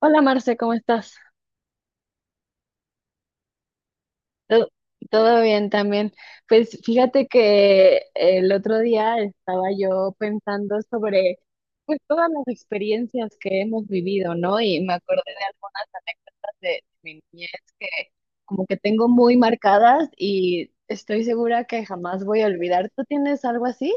Hola Marce, ¿cómo estás? Todo, todo bien también. Pues fíjate que el otro día estaba yo pensando sobre pues todas las experiencias que hemos vivido, ¿no? Y me acordé de algunas anécdotas de mi niñez que como que tengo muy marcadas y estoy segura que jamás voy a olvidar. ¿Tú tienes algo así?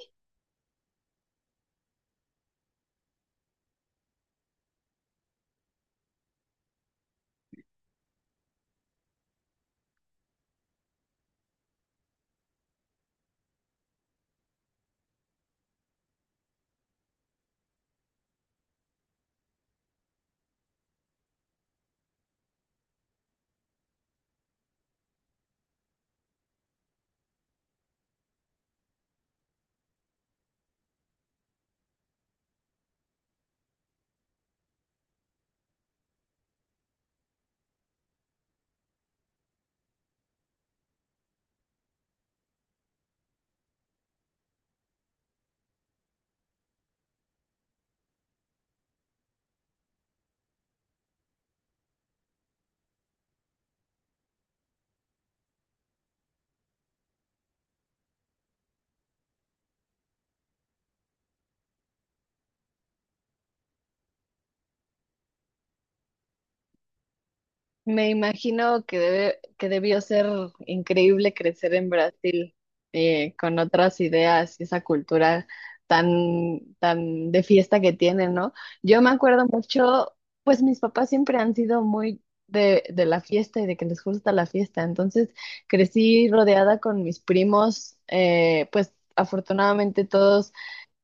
Me imagino que debió ser increíble crecer en Brasil, con otras ideas y esa cultura tan de fiesta que tienen, ¿no? Yo me acuerdo mucho, pues mis papás siempre han sido muy de la fiesta y de que les gusta la fiesta, entonces crecí rodeada con mis primos, pues afortunadamente todos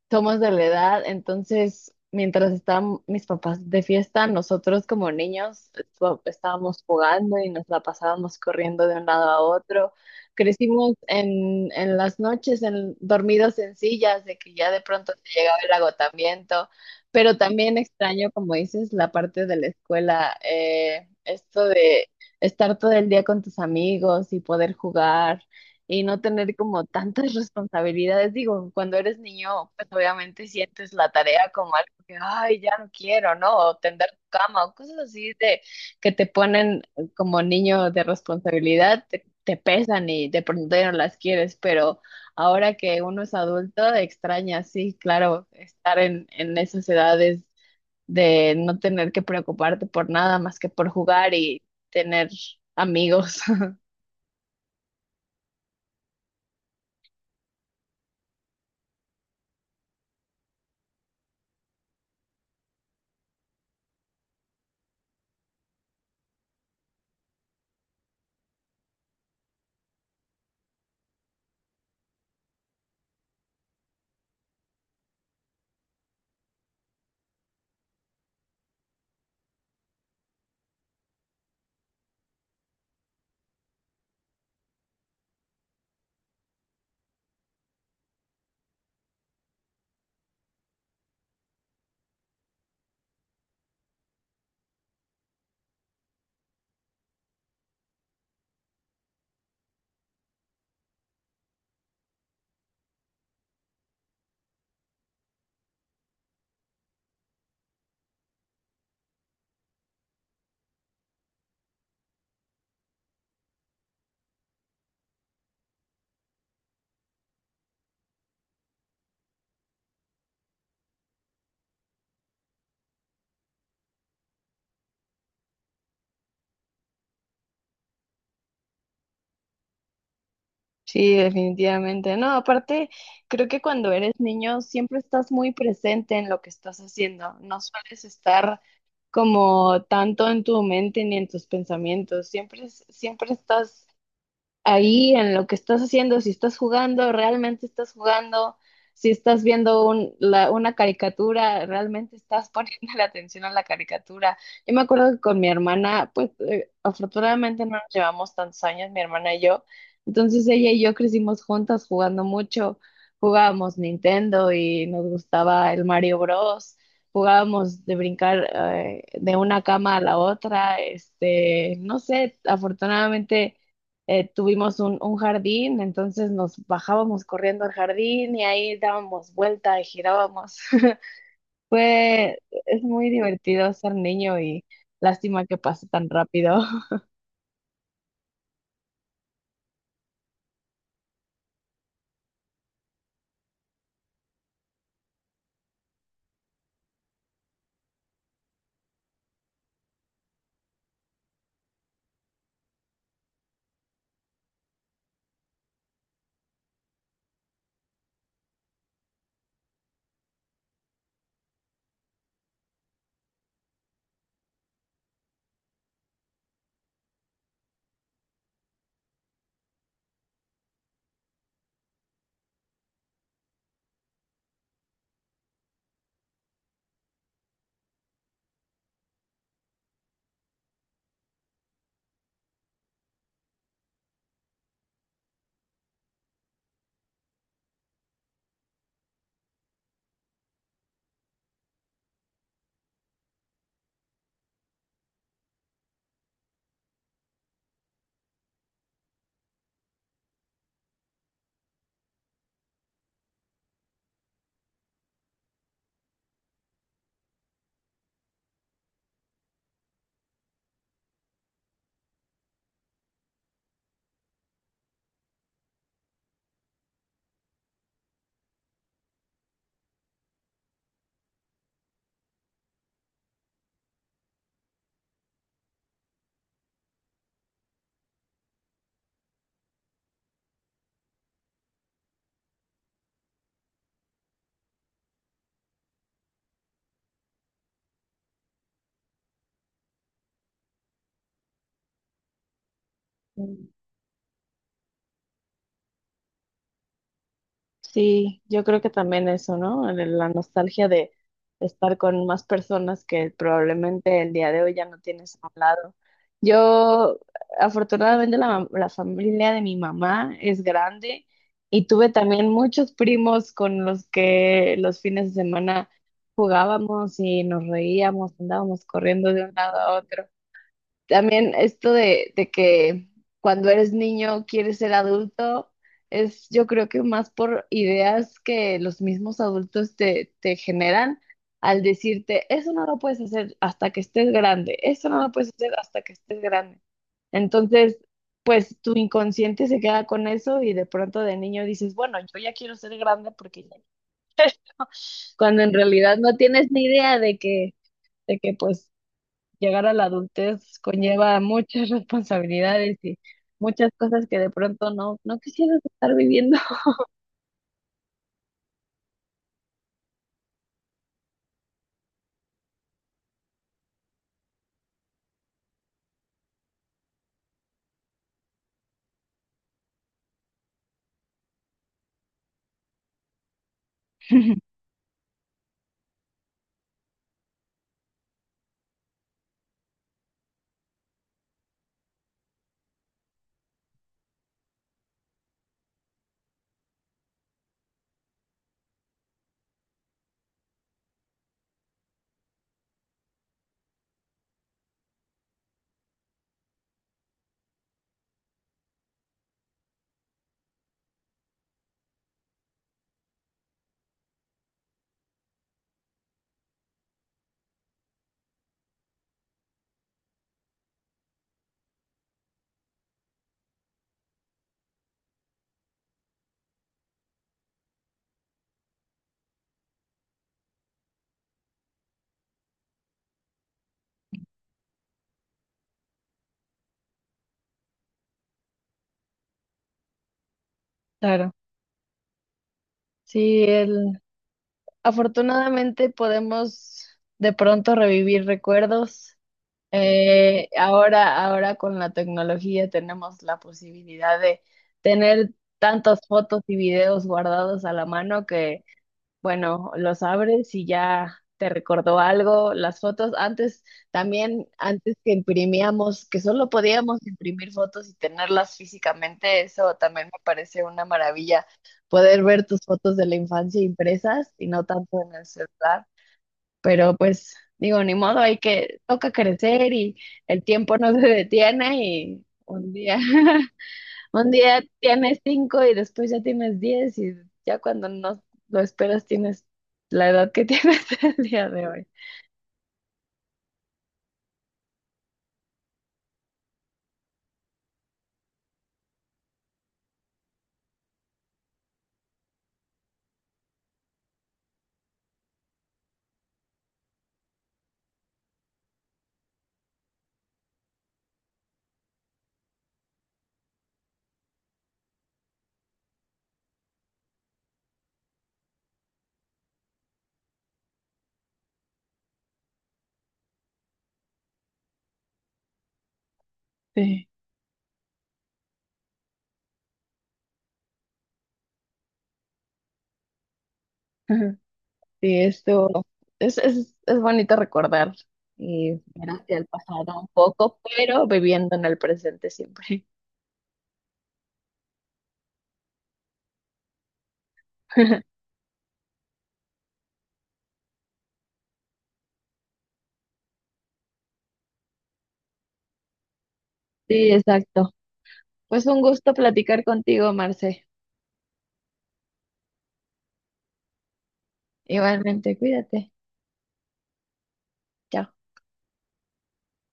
somos de la edad, entonces mientras estaban mis papás de fiesta, nosotros como niños estábamos jugando y nos la pasábamos corriendo de un lado a otro. Crecimos en las noches, en, dormidos en sillas, de que ya de pronto te llegaba el agotamiento, pero también extraño, como dices, la parte de la escuela, esto de estar todo el día con tus amigos y poder jugar y no tener como tantas responsabilidades. Digo, cuando eres niño, pues obviamente sientes la tarea como algo que, ay, ya no quiero, ¿no? O tender tu cama o cosas así de que te ponen como niño de responsabilidad, te pesan y de pronto ya no las quieres, pero ahora que uno es adulto, extraña, sí, claro, estar en esas edades de no tener que preocuparte por nada más que por jugar y tener amigos. Sí, definitivamente. No, aparte, creo que cuando eres niño siempre estás muy presente en lo que estás haciendo. No sueles estar como tanto en tu mente ni en tus pensamientos. Siempre, siempre estás ahí en lo que estás haciendo, si estás jugando, realmente estás jugando, si estás viendo una caricatura, realmente estás poniendo la atención a la caricatura. Yo me acuerdo que con mi hermana, pues afortunadamente no nos llevamos tantos años, mi hermana y yo, entonces ella y yo crecimos juntas jugando mucho, jugábamos Nintendo y nos gustaba el Mario Bros. Jugábamos de brincar de una cama a la otra, este, no sé, afortunadamente tuvimos un jardín, entonces nos bajábamos corriendo al jardín y ahí dábamos vuelta y girábamos. Fue, es muy divertido ser niño y lástima que pase tan rápido. Sí, yo creo que también eso, ¿no? La nostalgia de estar con más personas que probablemente el día de hoy ya no tienes a un lado. Yo, afortunadamente, la familia de mi mamá es grande y tuve también muchos primos con los que los fines de semana jugábamos y nos reíamos, andábamos corriendo de un lado a otro. También esto de que cuando eres niño quieres ser adulto es yo creo que más por ideas que los mismos adultos te generan al decirte, eso no lo puedes hacer hasta que estés grande, eso no lo puedes hacer hasta que estés grande. Entonces, pues tu inconsciente se queda con eso y de pronto de niño dices, bueno, yo ya quiero ser grande porque ya cuando en realidad no tienes ni idea de que pues llegar a la adultez conlleva muchas responsabilidades y muchas cosas que de pronto no quisieras estar viviendo. Claro, sí, el, afortunadamente podemos de pronto revivir recuerdos. Ahora con la tecnología tenemos la posibilidad de tener tantas fotos y videos guardados a la mano que bueno, los abres y ya te recordó algo. Las fotos antes, también antes que imprimíamos, que solo podíamos imprimir fotos y tenerlas físicamente, eso también me parece una maravilla, poder ver tus fotos de la infancia impresas y no tanto en el celular. Pero pues digo, ni modo, hay que, toca crecer y el tiempo no se detiene y un día. Un día tienes 5 y después ya tienes 10 y ya cuando no lo esperas tienes la edad que tienes el día de hoy. Sí. Ajá. Sí, esto es bonito recordar y ver hacia el pasado un poco, pero viviendo en el presente siempre. Sí, exacto. Pues un gusto platicar contigo, Marce. Igualmente, cuídate. Chao.